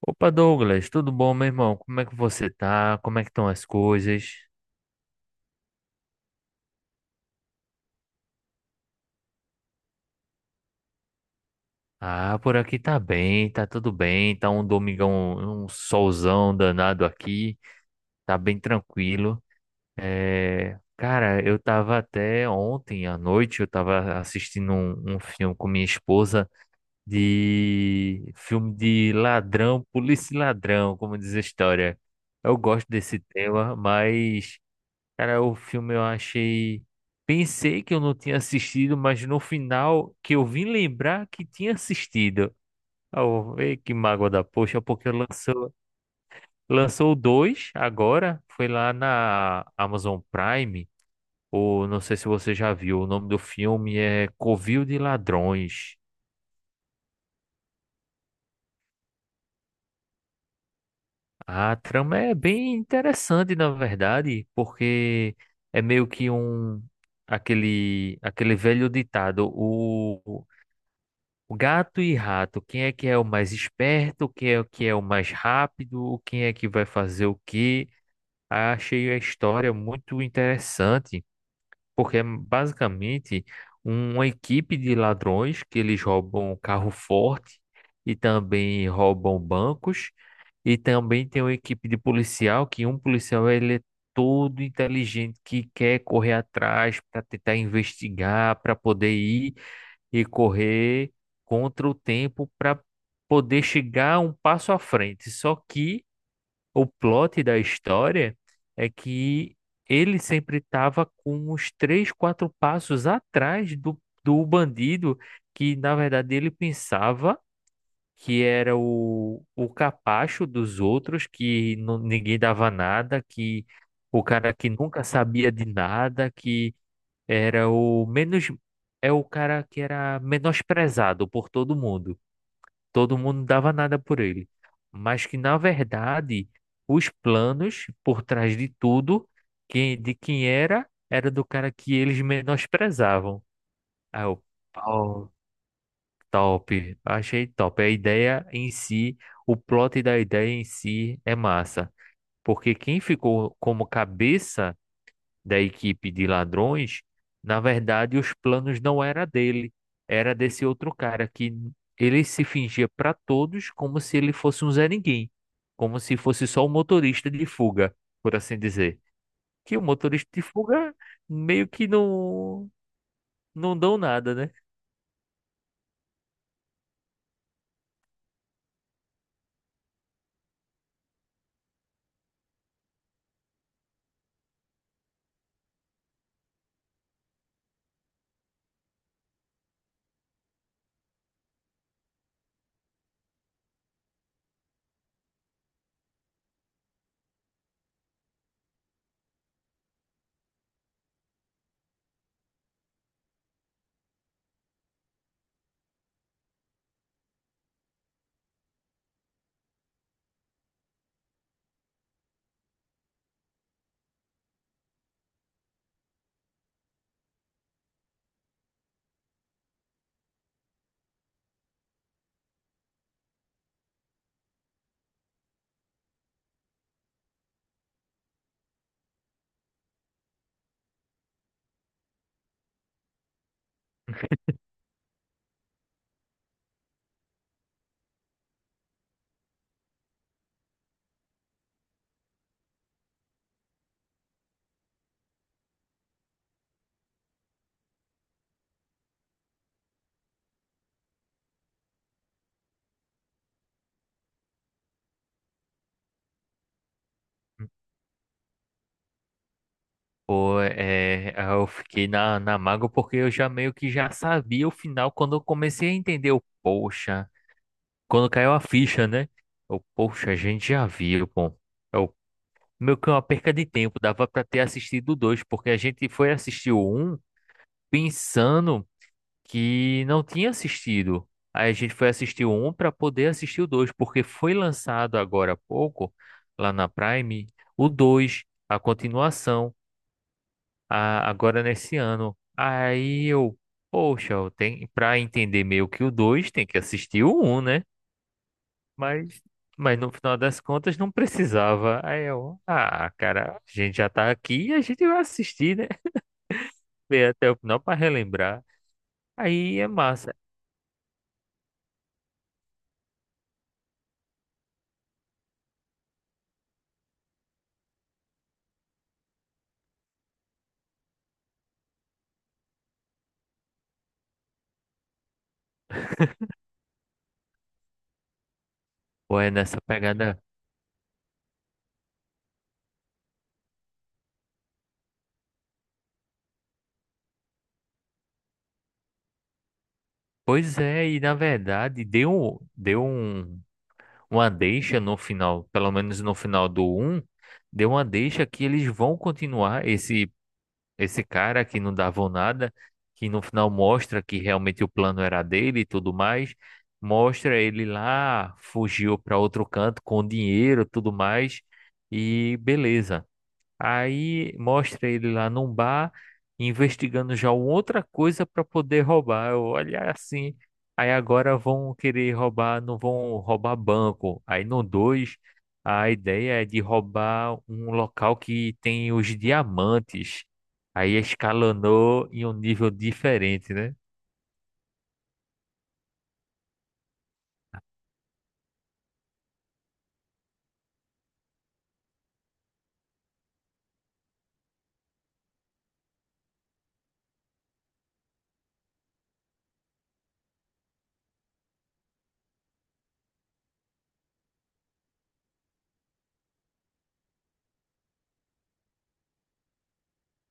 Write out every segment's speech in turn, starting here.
Opa, Douglas, tudo bom, meu irmão? Como é que você tá? Como é que estão as coisas? Ah, por aqui tá bem, tá tudo bem, tá um domingão, um solzão danado aqui, tá bem tranquilo. É, cara, eu tava até ontem à noite, eu tava assistindo um filme com minha esposa de filme de ladrão, polícia e ladrão, como diz a história. Eu gosto desse tema, mas cara, o filme eu achei. Pensei que eu não tinha assistido, mas no final que eu vim lembrar que tinha assistido. Oh, que mágoa da poxa, porque lançou, lançou dois agora. Foi lá na Amazon Prime. Ou não sei se você já viu. O nome do filme é Covil de Ladrões. A trama é bem interessante, na verdade, porque é meio que um. Aquele velho ditado, o gato e rato, quem é que é o mais esperto, quem é o que é o mais rápido, quem é que vai fazer o quê? Achei a história muito interessante, porque é basicamente uma equipe de ladrões que eles roubam um carro forte e também roubam bancos, e também tem uma equipe de policial, que um policial ele é todo inteligente que quer correr atrás para tentar investigar, para poder ir e correr contra o tempo para poder chegar um passo à frente. Só que o plot da história é que ele sempre estava com uns três, quatro passos atrás do bandido, que na verdade ele pensava que era o capacho dos outros, que ninguém dava nada, que o cara que nunca sabia de nada, que era o menos. É o cara que era menosprezado por todo mundo. Todo mundo dava nada por ele. Mas que, na verdade, os planos por trás de tudo, que, de quem era, era do cara que eles menosprezavam. Aí eu, "Pau, top." Achei top. A ideia em si, o plot da ideia em si é massa. Porque quem ficou como cabeça da equipe de ladrões, na verdade, os planos não era dele, era desse outro cara que ele se fingia para todos como se ele fosse um Zé Ninguém, como se fosse só um motorista de fuga, por assim dizer. Que o motorista de fuga meio que não dão nada, né? Pô, eu fiquei na, na mágoa porque eu já meio que já sabia o final quando eu comecei a entender o poxa, quando caiu a ficha, né? O poxa, a gente já viu, pô. Eu, meio que uma perca de tempo, dava pra ter assistido o dois, porque a gente foi assistir o um pensando que não tinha assistido. Aí a gente foi assistir o um para poder assistir o dois, porque foi lançado agora há pouco, lá na Prime, o dois, a continuação, agora nesse ano. Aí eu, poxa, eu tenho, pra entender meio que o dois, tem que assistir o um, né? Mas, mas no final das contas não precisava. Aí eu, ah, cara, a gente já tá aqui e a gente vai assistir, né? Ver até o final pra relembrar. Aí é massa. Pô, é nessa pegada. Pois é, e na verdade deu, deu um, uma deixa no final, pelo menos no final do um deu uma deixa que eles vão continuar esse cara que não davam nada, que no final mostra que realmente o plano era dele e tudo mais, mostra ele lá, fugiu para outro canto com dinheiro, e tudo mais, e beleza. Aí mostra ele lá num bar, investigando já uma outra coisa para poder roubar. Eu, olha é assim. Aí agora vão querer roubar, não vão roubar banco. Aí no 2 a ideia é de roubar um local que tem os diamantes. Aí escalonou em um nível diferente, né?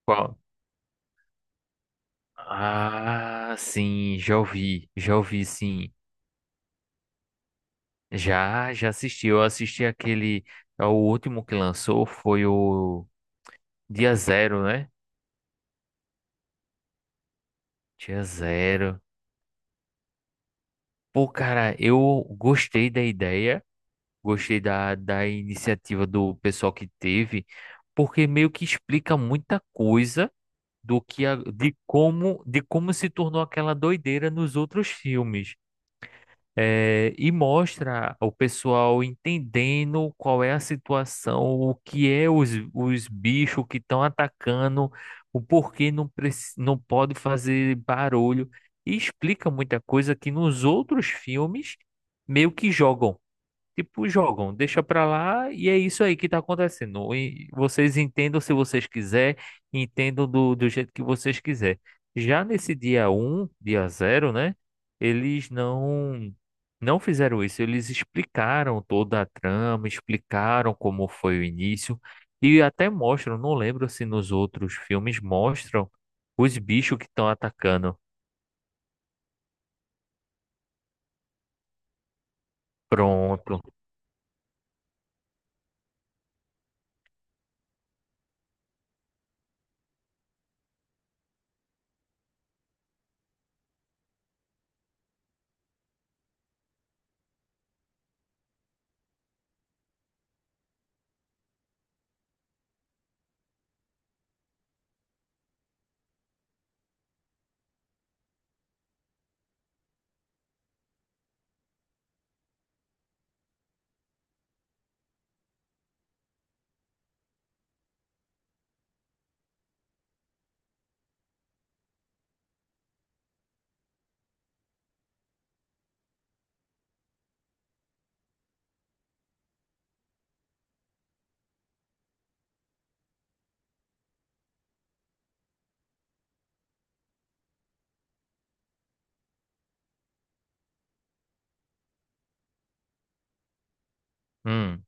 Qual? Ah, sim, já ouvi, sim. Já, já assisti. Eu assisti aquele. É o último que lançou foi o Dia Zero, né? Dia Zero. Pô, cara, eu gostei da ideia, gostei da, da iniciativa do pessoal que teve, porque meio que explica muita coisa do que de como se tornou aquela doideira nos outros filmes. E mostra o pessoal entendendo qual é a situação, o que é os bichos que estão atacando, o porquê não, não pode fazer barulho, e explica muita coisa que nos outros filmes meio que jogam. Tipo, jogam, deixa pra lá e é isso aí que tá acontecendo. E vocês entendam se vocês quiser, entendam do jeito que vocês quiser. Já nesse dia um, dia zero, né? Eles não fizeram isso, eles explicaram toda a trama, explicaram como foi o início e até mostram, não lembro se nos outros filmes mostram os bichos que estão atacando. Pronto. Hum.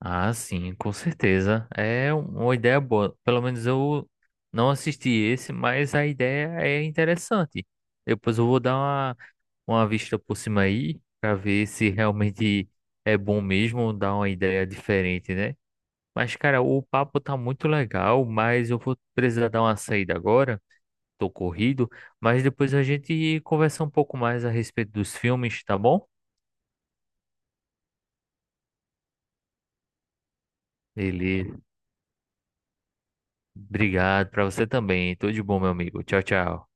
Ah, sim, com certeza. Uma ideia boa. Pelo menos eu não assisti esse, mas a ideia é interessante. Depois eu vou dar uma vista por cima aí, pra ver se realmente é bom mesmo, dar uma ideia diferente, né? Mas, cara, o papo tá muito legal, mas eu vou precisar dar uma saída agora. Tô corrido, mas depois a gente conversa um pouco mais a respeito dos filmes, tá bom? Beleza. Obrigado pra você também. Tudo de bom, meu amigo. Tchau, tchau.